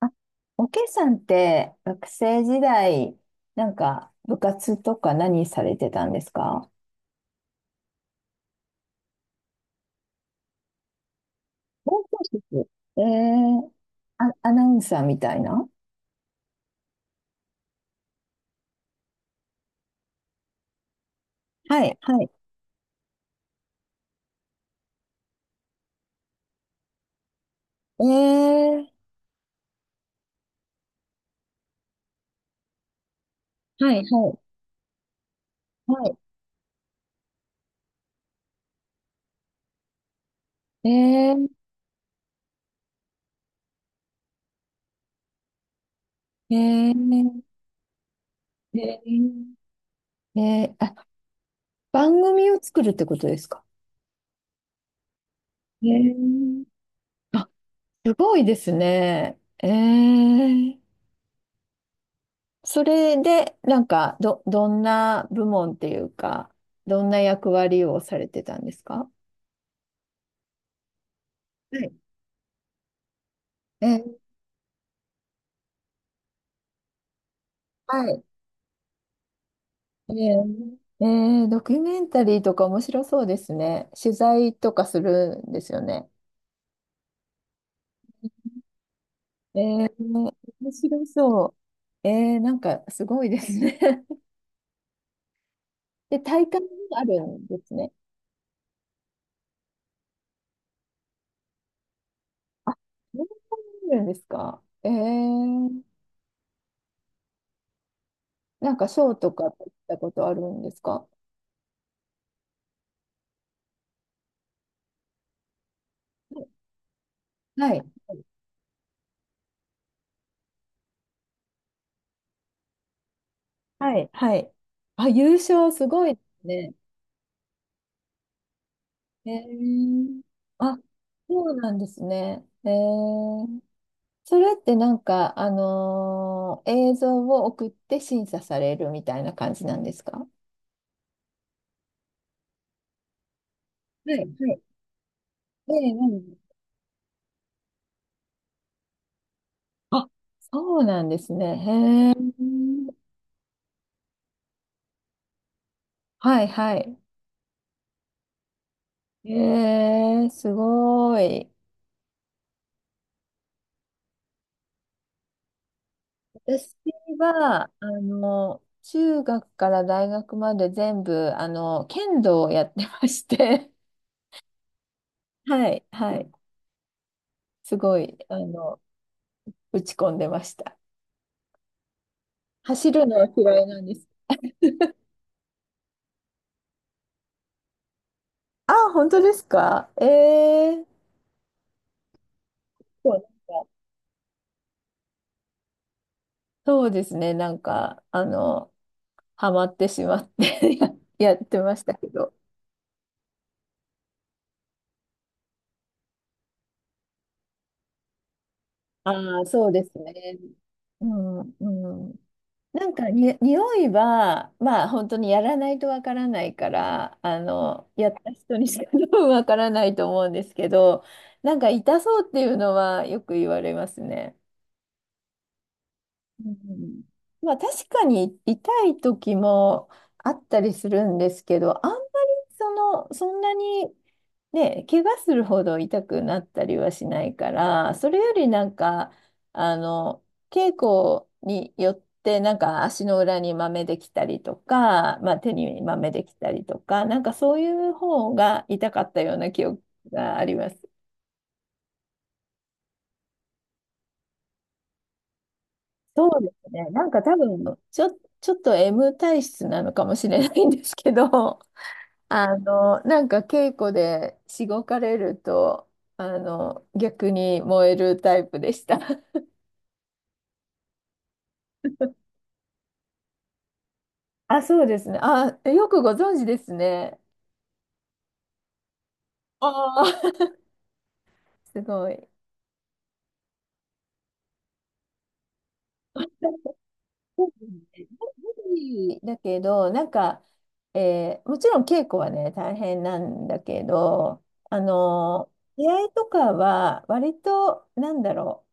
あ、おけさんって学生時代、なんか部活とか何されてたんですか？放送室。えー、あ、アナウンサーみたいな。はい、はい。えー、はい、はい、はい。えー、えー、えー、えー、あ、番組を作るってことですか？えー、あ、すごいですね。えー、それで、なんか、どんな部門っていうか、どんな役割をされてたんですか？はい。えー、はい。えー、えードキュメンタリーとか面白そうですね。取材とかするんですよね。えー、面白そう。えー、なんかすごいですね。で、大会もあるんですね。あ、そうなんですか。えー、なんか賞とか取ったことあるんですか？はい。はい、はい。あ、優勝すごいですね。えー、あ、そうなんですね。えー、それってなんか、映像を送って審査されるみたいな感じなんですか？はい、はい。ええ、うん。あ、そうなんですね。へえ。はい、はい。えー、すごい。私は、中学から大学まで全部、剣道をやってまして、はい、はい。すごい、打ち込んでました。走るのは嫌いなんです。あ、本当ですか？えー、そう。なんかそうですね。なんか、ハマってしまって やってましたけど。ああ、そうですね。うん、うん。なんかに、匂いは、まあ、本当にやらないとわからないから、やった人にしか 多分わからないと思うんですけど、なんか痛そうっていうのはよく言われますね。うん。まあ確かに痛い時もあったりするんですけど、あんまりその、そんなにね、怪我するほど痛くなったりはしないから、それよりなんか、あの、稽古によってなんか足の裏に豆できたりとか、まあ手に豆できたりとか、なんかそういう方が痛かったような記憶があります。そうですね。なんか多分、ちょ、ちょっと M 体質なのかもしれないんですけど、なんか稽古でしごかれると、逆に燃えるタイプでした。あ、そうですね。あ、よくご存知ですね。ああ、すごい。なんかそうですね。だけど、なんか、えーもちろん稽古はね、大変なんだけど、あの、出会いとかは、割と、なんだろう。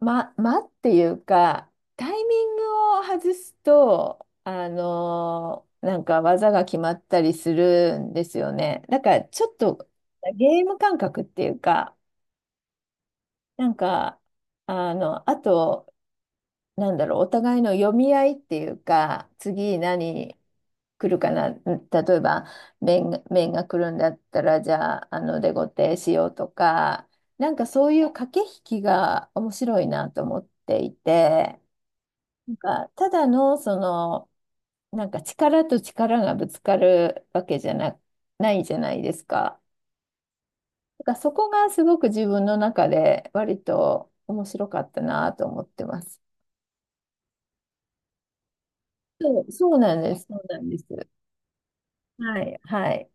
ま、間っていうか、タイミングを外すと、なんか技が決まったりするんですよね。だからちょっとゲーム感覚っていうか、なんか、あと、なんだろう、お互いの読み合いっていうか、次何来るかな、ん例えば、面が来るんだったら、じゃあ、デコテしようとか、なんかそういう駆け引きが面白いなと思っていて、なんか、ただの、その、なんか力と力がぶつかるわけじゃな、ないじゃないですか。だからそこがすごく自分の中で割と面白かったなと思ってます。そうなんです。そうなんです。はい、はい。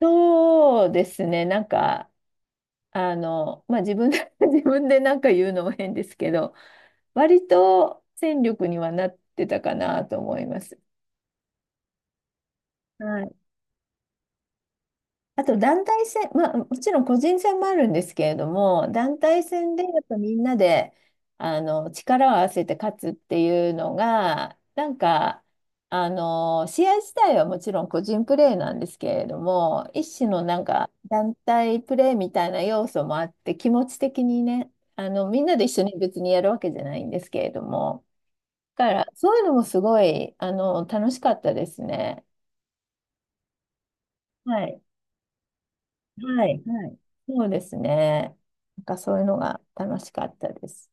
そうですね。なんか、まあ、自分で 自分でなんか言うのも変ですけど、割と戦力にはなってたかなと思います。はい。あと団体戦、まあ、もちろん個人戦もあるんですけれども、団体戦でやっぱみんなであの力を合わせて勝つっていうのが、なんかあの試合自体はもちろん個人プレーなんですけれども、一種のなんか団体プレーみたいな要素もあって、気持ち的にね、あのみんなで一緒に別にやるわけじゃないんですけれども、だからそういうのもすごいあの楽しかったですね。はい。はい、はい。そうですね。なんかそういうのが楽しかったです。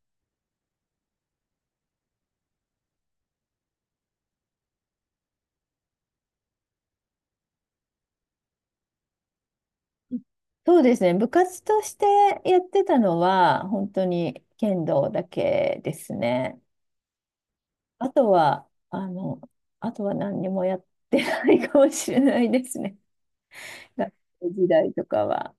そうですね。部活としてやってたのは、本当に剣道だけですね。あとは、あとは何にもやってないかもしれないですね。学生時代とかは。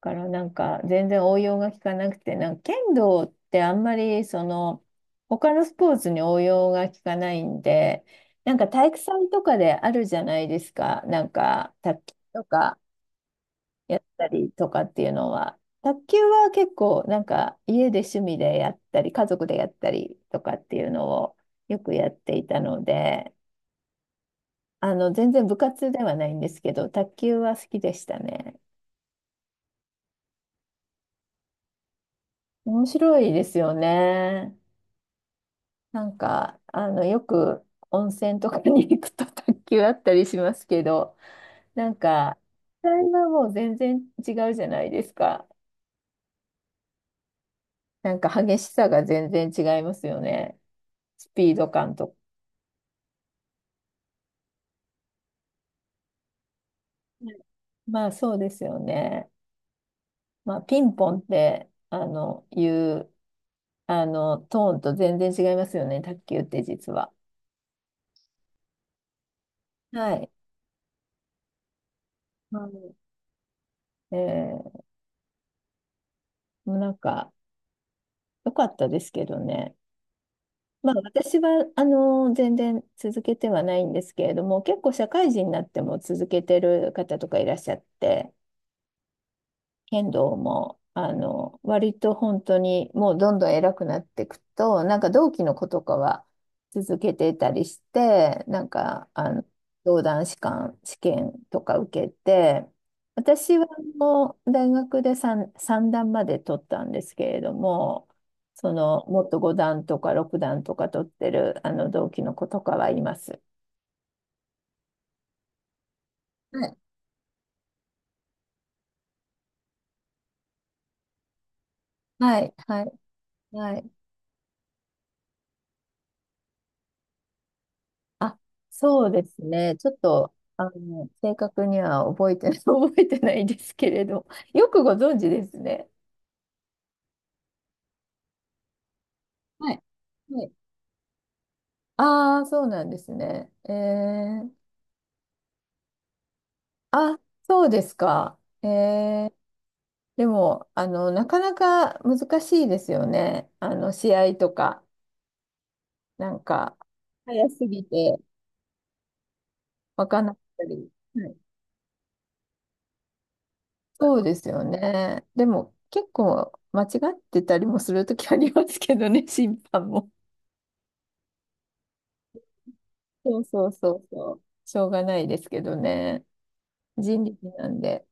からなんか全然応用が効かなくて、なんか剣道ってあんまりその他のスポーツに応用が効かないんで、なんか体育祭とかであるじゃないですか、なんか卓球とかやったりとかっていうのは。卓球は結構なんか家で趣味でやったり、家族でやったりとかっていうのをよくやっていたので、全然部活ではないんですけど、卓球は好きでしたね。面白いですよね。なんか、よく温泉とかに行くと卓球あったりしますけど、なんか、実際はもう全然違うじゃないですか。なんか激しさが全然違いますよね。スピード感と。はい。まあそうですよね。まあピンポンって、いう、トーンと全然違いますよね。卓球って実は。はい。はい。えー、もうなんか、良かったですけどね。まあ、私はあの全然続けてはないんですけれども、結構社会人になっても続けてる方とかいらっしゃって、剣道も、割と本当にもうどんどん偉くなっていくと、なんか同期の子とかは続けてたりして、なんか、道団士官試験とか受けて、私はもう大学で3、三段まで取ったんですけれども、その、もっと5段とか6段とか取ってる、同期の子とかはいます。はい、はい、はい。はい。あ、そうですね。ちょっと、正確には覚えて、覚えてないですけれど、よくご存知ですね。はい。はい。ああ、そうなんですね。えー、あ、そうですか。えー、でも、なかなか難しいですよね。試合とか、なんか、早すぎて、わかんなかったり。はい。 そうですよね。でも、結構間違ってたりもするときありますけどね、審判も。そうそうそうそう。しょうがないですけどね。人力なんで。